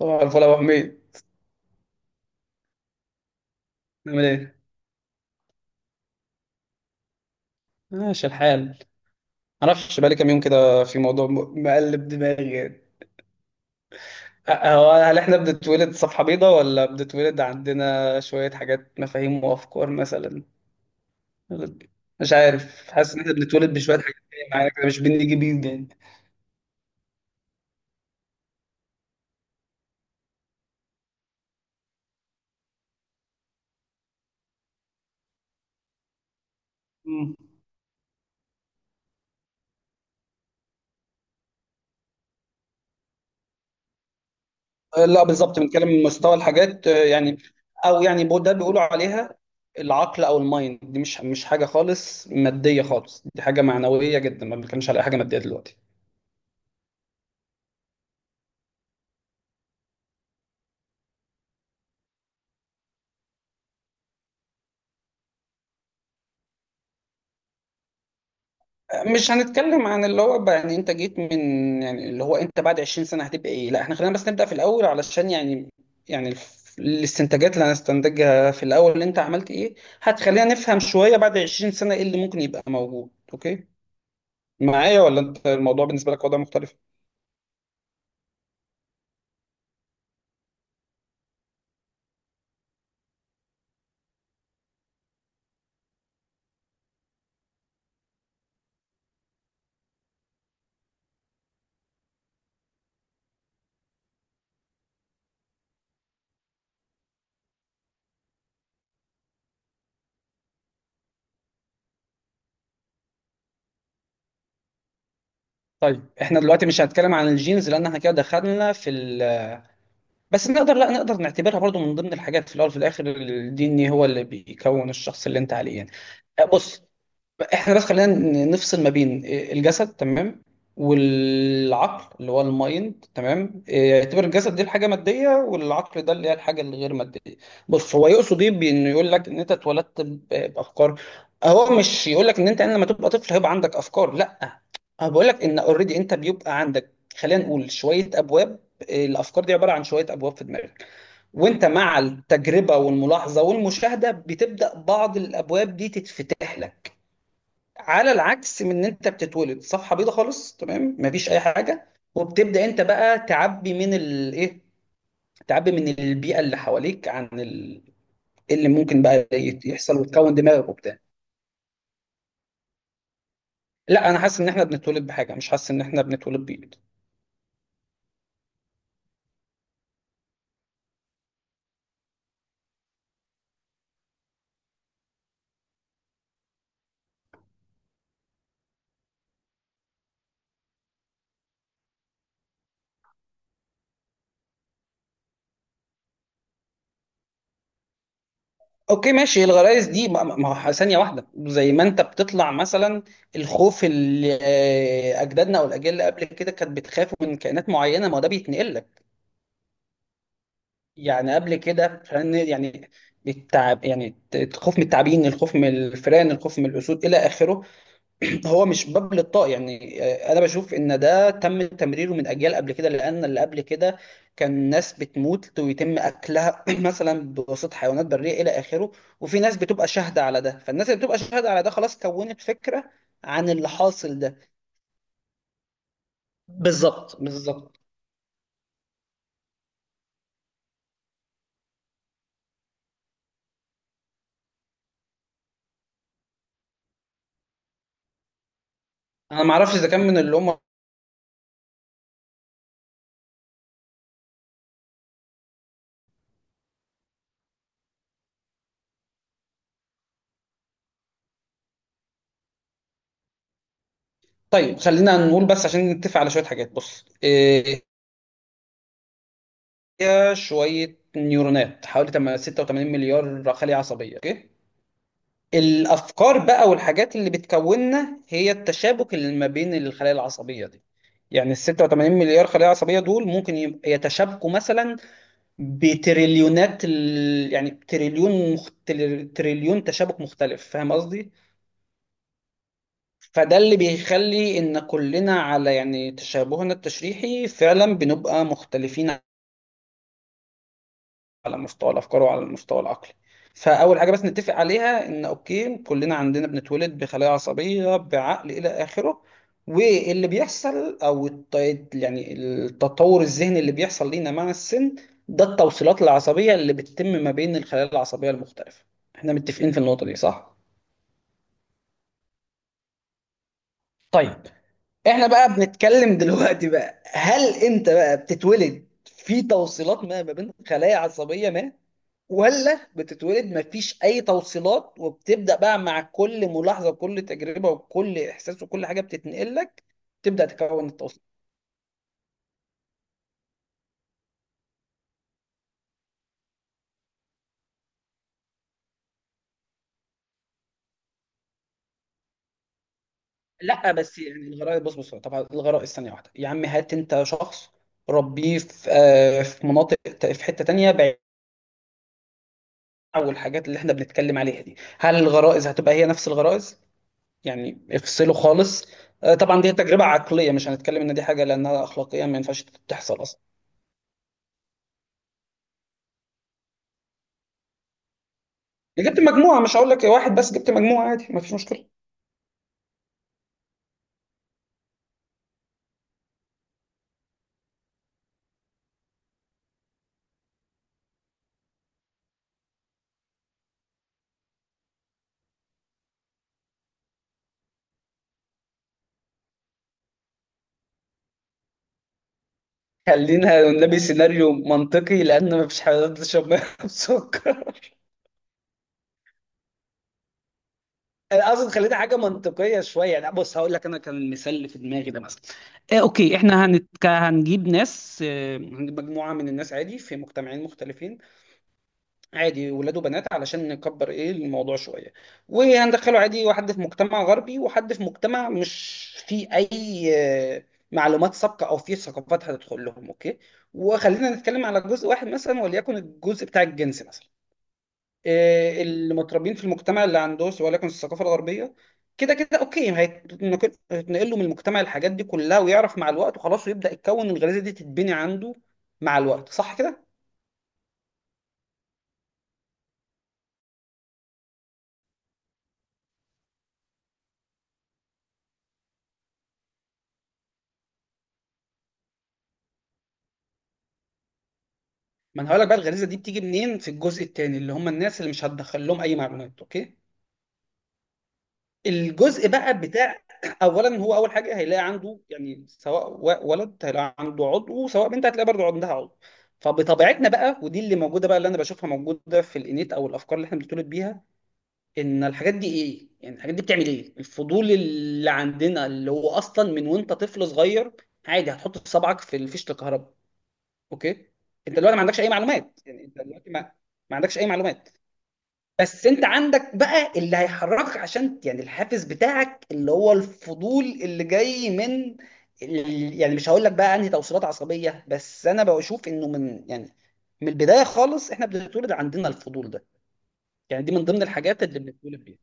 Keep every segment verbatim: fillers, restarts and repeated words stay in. طبعا الفل يا ابو حميد. نعمل ايه؟ ماشي الحال. معرفش بقالي كام يوم كده في موضوع م- مقلب دماغي يعني. أ- هو هل احنا بنتولد صفحة بيضاء، ولا بنتولد عندنا شوية حاجات، مفاهيم وافكار مثلا؟ مش عارف، حاسس ان احنا بنتولد بشوية حاجات جاية معانا كده، مش بنيجي بيض يعني. مم. لا بالظبط، بنتكلم من مستوى الحاجات آه، يعني. او يعني بو- ده بيقولوا عليها العقل او المايند، دي مش مش حاجه خالص ماديه خالص، دي حاجه معنويه جدا. ما بنتكلمش على اي حاجه ماديه دلوقتي. مش هنتكلم عن اللي هو بقى يعني انت جيت من، يعني اللي هو انت بعد عشرين سنة هتبقى ايه. لا احنا خلينا بس نبدأ في الاول، علشان يعني، يعني الف- الاستنتاجات اللي هنستنتجها في الاول، اللي انت عملت ايه، هتخلينا نفهم شوية بعد عشرين سنة ايه اللي ممكن يبقى موجود. اوكي معايا، ولا انت الموضوع بالنسبة لك وضع مختلف؟ طيب احنا دلوقتي مش هنتكلم عن الجينز، لان احنا كده دخلنا في ال... بس نقدر لا نقدر نعتبرها برضو من ضمن الحاجات. في الاول وفي الاخر الدي ان ايه هو اللي بيكون الشخص اللي انت عليه يعني. بص، احنا بس خلينا ن- نفصل ما بين الجسد، تمام، والعقل اللي هو المايند، تمام؟ إيه، يعتبر الجسد دي الحاجه ماديه، والعقل ده اللي هي الحاجه الغير ماديه. بص، هو يقصد ايه بانه يقول لك ان انت اتولدت ب- بافكار؟ هو مش يقول لك ان انت لما تبقى طفل هيبقى عندك افكار، لا. هو بيقول لك ان اوريدي انت بيبقى عندك، خلينا نقول شويه ابواب. إيه، الافكار دي عباره عن شويه ابواب في دماغك، وانت مع التجربه والملاحظه والمشاهده بتبدا بعض الابواب دي تتفتح لك، على العكس من ان انت بتتولد صفحه بيضه خالص، تمام، مفيش اي حاجه، وبتبدا انت بقى تعبي من الايه، تعبي من البيئه اللي حواليك عن ال... إيه اللي ممكن بقى يت- يحصل وتكون دماغك وبتاع. لا انا حاسس ان احنا بنتولد بحاجه، مش حاسس ان احنا بنتولد بيض. اوكي ماشي. الغرايز دي ما ما ما هو ثانيه واحده، زي ما انت بتطلع مثلا الخوف اللي آه، اجدادنا او الاجيال اللي قبل كده كانت بتخاف من كائنات معينه. ما هو ده بيتنقل لك، يعني قبل كده فن يعني التعب، يعني الخوف من التعابين، الخوف من الفئران، الخوف من الاسود الى اخره. هو مش باب للطاق يعني، آه، انا بشوف ان ده تم تمريره من اجيال قبل كده، لان اللي قبل كده كان ناس بتموت ويتم اكلها مثلا بواسطه حيوانات بريه الى اخره، وفي ناس بتبقى شاهده على ده. فالناس اللي بتبقى شاهده على ده خلاص كونت فكره عن اللي حاصل ده. بالظبط بالظبط. انا ما اعرفش اذا كان من اللي هم. طيب خلينا نقول بس عشان نتفق على شويه حاجات. بص، آه، فيها شوية نيورونات حوالي تم- ستة وتمانين مليار خلية عصبية، اوكي؟ الأفكار بقى والحاجات اللي بتكوننا هي التشابك اللي ما بين الخلايا العصبية دي، يعني ال ستة وتمانين مليار خلية عصبية دول ممكن يب- يتشابكوا مثلا بتريليونات ال... يعني تريليون مخت... تريليون تشابك مختلف. فاهم قصدي؟ فده اللي بيخلي ان كلنا على يعني تشابهنا التشريحي فعلا بنبقى مختلفين على مستوى الافكار وعلى المستوى العقلي. فاول حاجه بس نتفق عليها ان اوكي كلنا عندنا، بنتولد بخلايا عصبيه بعقل الى اخره. واللي بيحصل او الت- يعني التطور الذهني اللي بيحصل لينا مع السن ده التوصيلات العصبيه اللي بتتم ما بين الخلايا العصبيه المختلفه. احنا متفقين في النقطه دي، صح؟ طيب. احنا بقى بنتكلم دلوقتي بقى هل انت بقى بتتولد في توصيلات ما ما بين خلايا عصبيه ما، ولا بتتولد مفيش اي توصيلات وبتبدا بقى مع كل ملاحظه وكل تجربه وكل احساس وكل حاجه بتتنقل لك تبدا تكون التوصيل؟ لا بس يعني الغرائز، بص بص، طبعا الغرائز ثانيه واحده يا عم. هات انت شخص ربيه في آه، في مناطق، ت- في حته تانيه بعيد عن الحاجات اللي احنا بنتكلم عليها دي. هل الغرائز هتبقى هي نفس الغرائز؟ يعني افصله خالص. آه، طبعا دي تجربه عقليه، مش هنتكلم ان دي حاجه لانها اخلاقيا ما ينفعش تحصل اصلا. جبت مجموعة، مش هقول لك واحد بس، جبت مجموعة عادي مفيش مشكلة. خلينا نبي سيناريو منطقي، لان مفيش حد تشرب ميه بسكر أنا اقصد خلينا حاجه منطقيه شويه يعني. بص هقول لك انا كان المثال اللي في دماغي ده مثلا. آه اوكي، احنا هنتك... هنجيب ناس، آه هنجيب مجموعه من الناس عادي في مجتمعين مختلفين، عادي ولاد وبنات علشان نكبر ايه الموضوع شويه. وهندخله عادي واحد في مجتمع غربي، وحد في مجتمع مش فيه اي آه، معلومات سابقه او فيه ثقافات هتدخل لهم، اوكي؟ وخلينا نتكلم على جزء واحد مثلا، وليكن الجزء بتاع الجنس مثلا. آه، اللي متربيين في المجتمع اللي عنده، سواء وليكن الثقافه الغربيه، كده كده اوكي هيتنقل هيتنقل له من المجتمع الحاجات دي كلها، ويعرف مع الوقت وخلاص ويبدا يتكون الغريزه دي تتبني عنده مع الوقت، صح كده؟ ما انا هقول لك بقى الغريزه دي بتيجي منين. في الجزء الثاني اللي هم الناس اللي مش هتدخل لهم اي معلومات، اوكي؟ الجزء بقى بتاع اولا، هو اول حاجه هيلاقي عنده، يعني سواء و- ولد هيلاقي عنده عضو، وسواء بنت هتلاقي برضه عندها عضو. فبطبيعتنا بقى، ودي اللي موجوده بقى، اللي انا بشوفها موجوده في الانيت او الافكار اللي احنا بنتولد بيها، ان الحاجات دي ايه. يعني الحاجات دي بتعمل ايه الفضول اللي عندنا اللي هو اصلا من وانت طفل صغير، عادي هتحط صبعك في فيشه الكهرباء. اوكي انت دلوقتي ما عندكش اي معلومات، يعني انت دلوقتي ما ما عندكش اي معلومات، بس انت عندك بقى اللي هيحركك عشان يعني الحافز بتاعك اللي هو الفضول اللي جاي من ال- يعني مش هقول لك بقى انهي توصيلات عصبيه، بس انا بشوف انه من يعني من البدايه خالص احنا بنتولد عندنا الفضول ده، يعني دي من ضمن الحاجات اللي بنتولد بيها.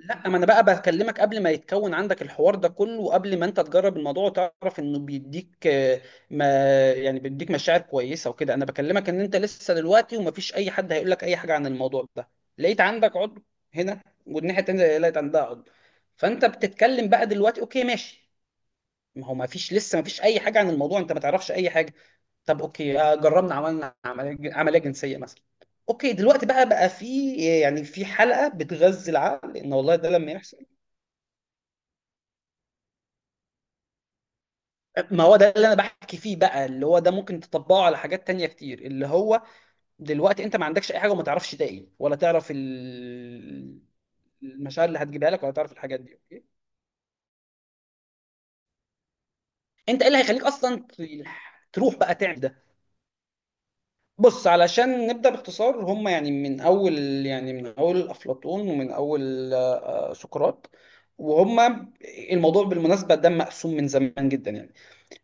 لا ما انا بقى بكلمك قبل ما يتكون عندك الحوار ده كله، وقبل ما انت تجرب الموضوع وتعرف انه بيديك آه، ما يعني بيديك مشاعر كويسه وكده. انا بكلمك ان انت لسه دلوقتي ومفيش اي حد هيقول لك اي حاجه عن الموضوع ده، لقيت عندك عضو هنا، والناحيه التانيه لقيت عندها عضو. فانت بتتكلم بقى دلوقتي، اوكي ماشي. ما هو مفيش، لسه مفيش اي حاجه عن الموضوع، انت ما تعرفش اي حاجه. طب اوكي، آه، جربنا عملنا عمليه عملية جنسيه مثلا. اوكي دلوقتي بقى بقى في، يعني في حلقه بتغذي العقل ان والله ده لما يحصل. ما هو ده اللي انا بحكي فيه بقى، اللي هو ده ممكن تطبقه على حاجات تانية كتير، اللي هو دلوقتي انت ما عندكش اي حاجه وما تعرفش ده ايه ولا تعرف ال- المشاعر اللي هتجيبها لك ولا تعرف الحاجات دي، اوكي؟ انت ايه اللي هيخليك اصلا ت- تروح بقى تعمل ده؟ بص علشان نبدا باختصار. هم يعني من اول، يعني من اول افلاطون، ومن اول آه، آه، سقراط وهم، الموضوع بالمناسبه ده مقسوم من زمان جدا يعني.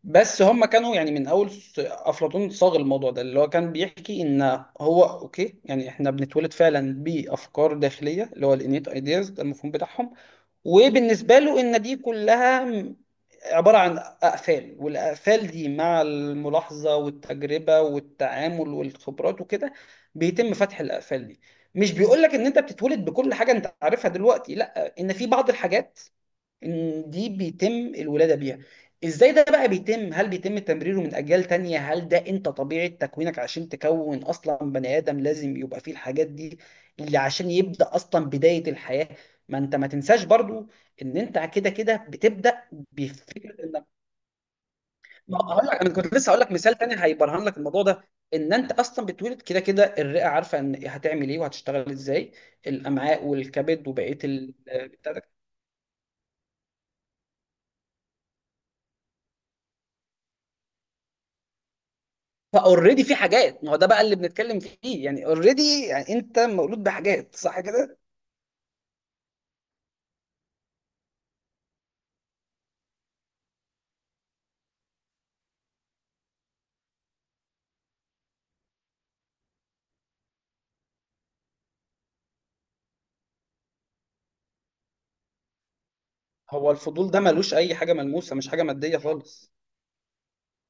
بس هم كانوا يعني من اول س- افلاطون صاغ الموضوع ده، اللي هو كان بيحكي ان هو اوكي يعني احنا بنتولد فعلا بافكار داخليه اللي هو الانيت ايدياز، ده المفهوم بتاعهم. وبالنسبه له ان دي كلها م- عباره عن اقفال، والاقفال دي مع الملاحظه والتجربه والتعامل والخبرات وكده بيتم فتح الاقفال دي. مش بيقول لك ان انت بتتولد بكل حاجه انت عارفها دلوقتي لا، ان في بعض الحاجات إن دي بيتم الولادة بيها. ازاي ده بقى بيتم؟ هل بيتم تمريره من اجيال تانية، هل ده انت طبيعة تكوينك عشان تكون اصلا بني ادم لازم يبقى فيه الحاجات دي، اللي عشان يبدأ اصلا بداية الحياة؟ ما انت ما تنساش برضو ان انت كده كده بتبدأ بفكرة انك، ما هقول لك انا كنت لسه هقول لك مثال تاني هيبرهن لك الموضوع ده، ان انت اصلا بتولد كده كده الرئة عارفة ان هتعمل ايه وهتشتغل ازاي، الامعاء والكبد وبقية ال... فاوريدي في حاجات، ما هو ده بقى اللي بنتكلم فيه، يعني اوريدي يعني انت مولود بحاجات، صح كده. هو الفضول ده ملوش اي حاجه ملموسه، مش حاجه ماديه خالص.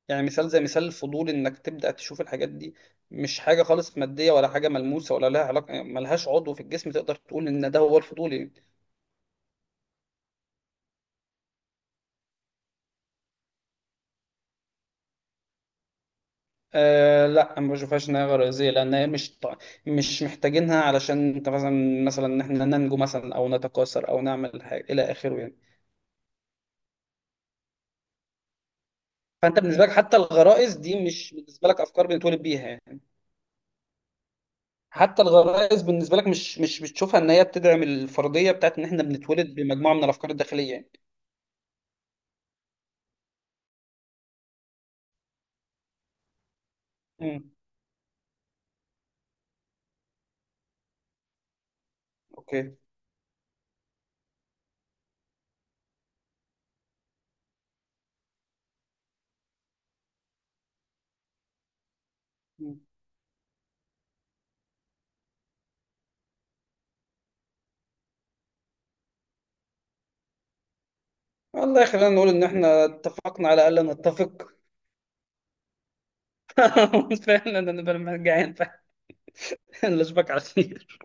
يعني مثال زي مثال الفضول انك تبدا تشوف الحاجات دي، مش حاجه خالص ماديه ولا حاجه ملموسه ولا لها علاقه، يعني ملهاش عضو في الجسم تقدر تقول ان ده هو الفضول يعني. آه لا، أنا ما بشوفهاش انها غريزيه، لان هي مش ط- مش محتاجينها، علشان انت مثلا مثلا ان احنا ننجو مثلا او نتكاثر او نعمل حاجه الى اخره يعني. فانت بالنسبه لك حتى الغرائز دي مش بالنسبه لك افكار بنتولد بيها يعني. حتى الغرائز بالنسبه لك مش مش بتشوفها ان هي بتدعم الفرضيه بتاعت ان احنا بنتولد بمجموعه من الافكار الداخليه يعني. امم. اوكي. مم. والله خلينا نقول ان احنا اتفقنا على الا نتفق فعلا انا بقى جعان، فلا اشوفك على خير.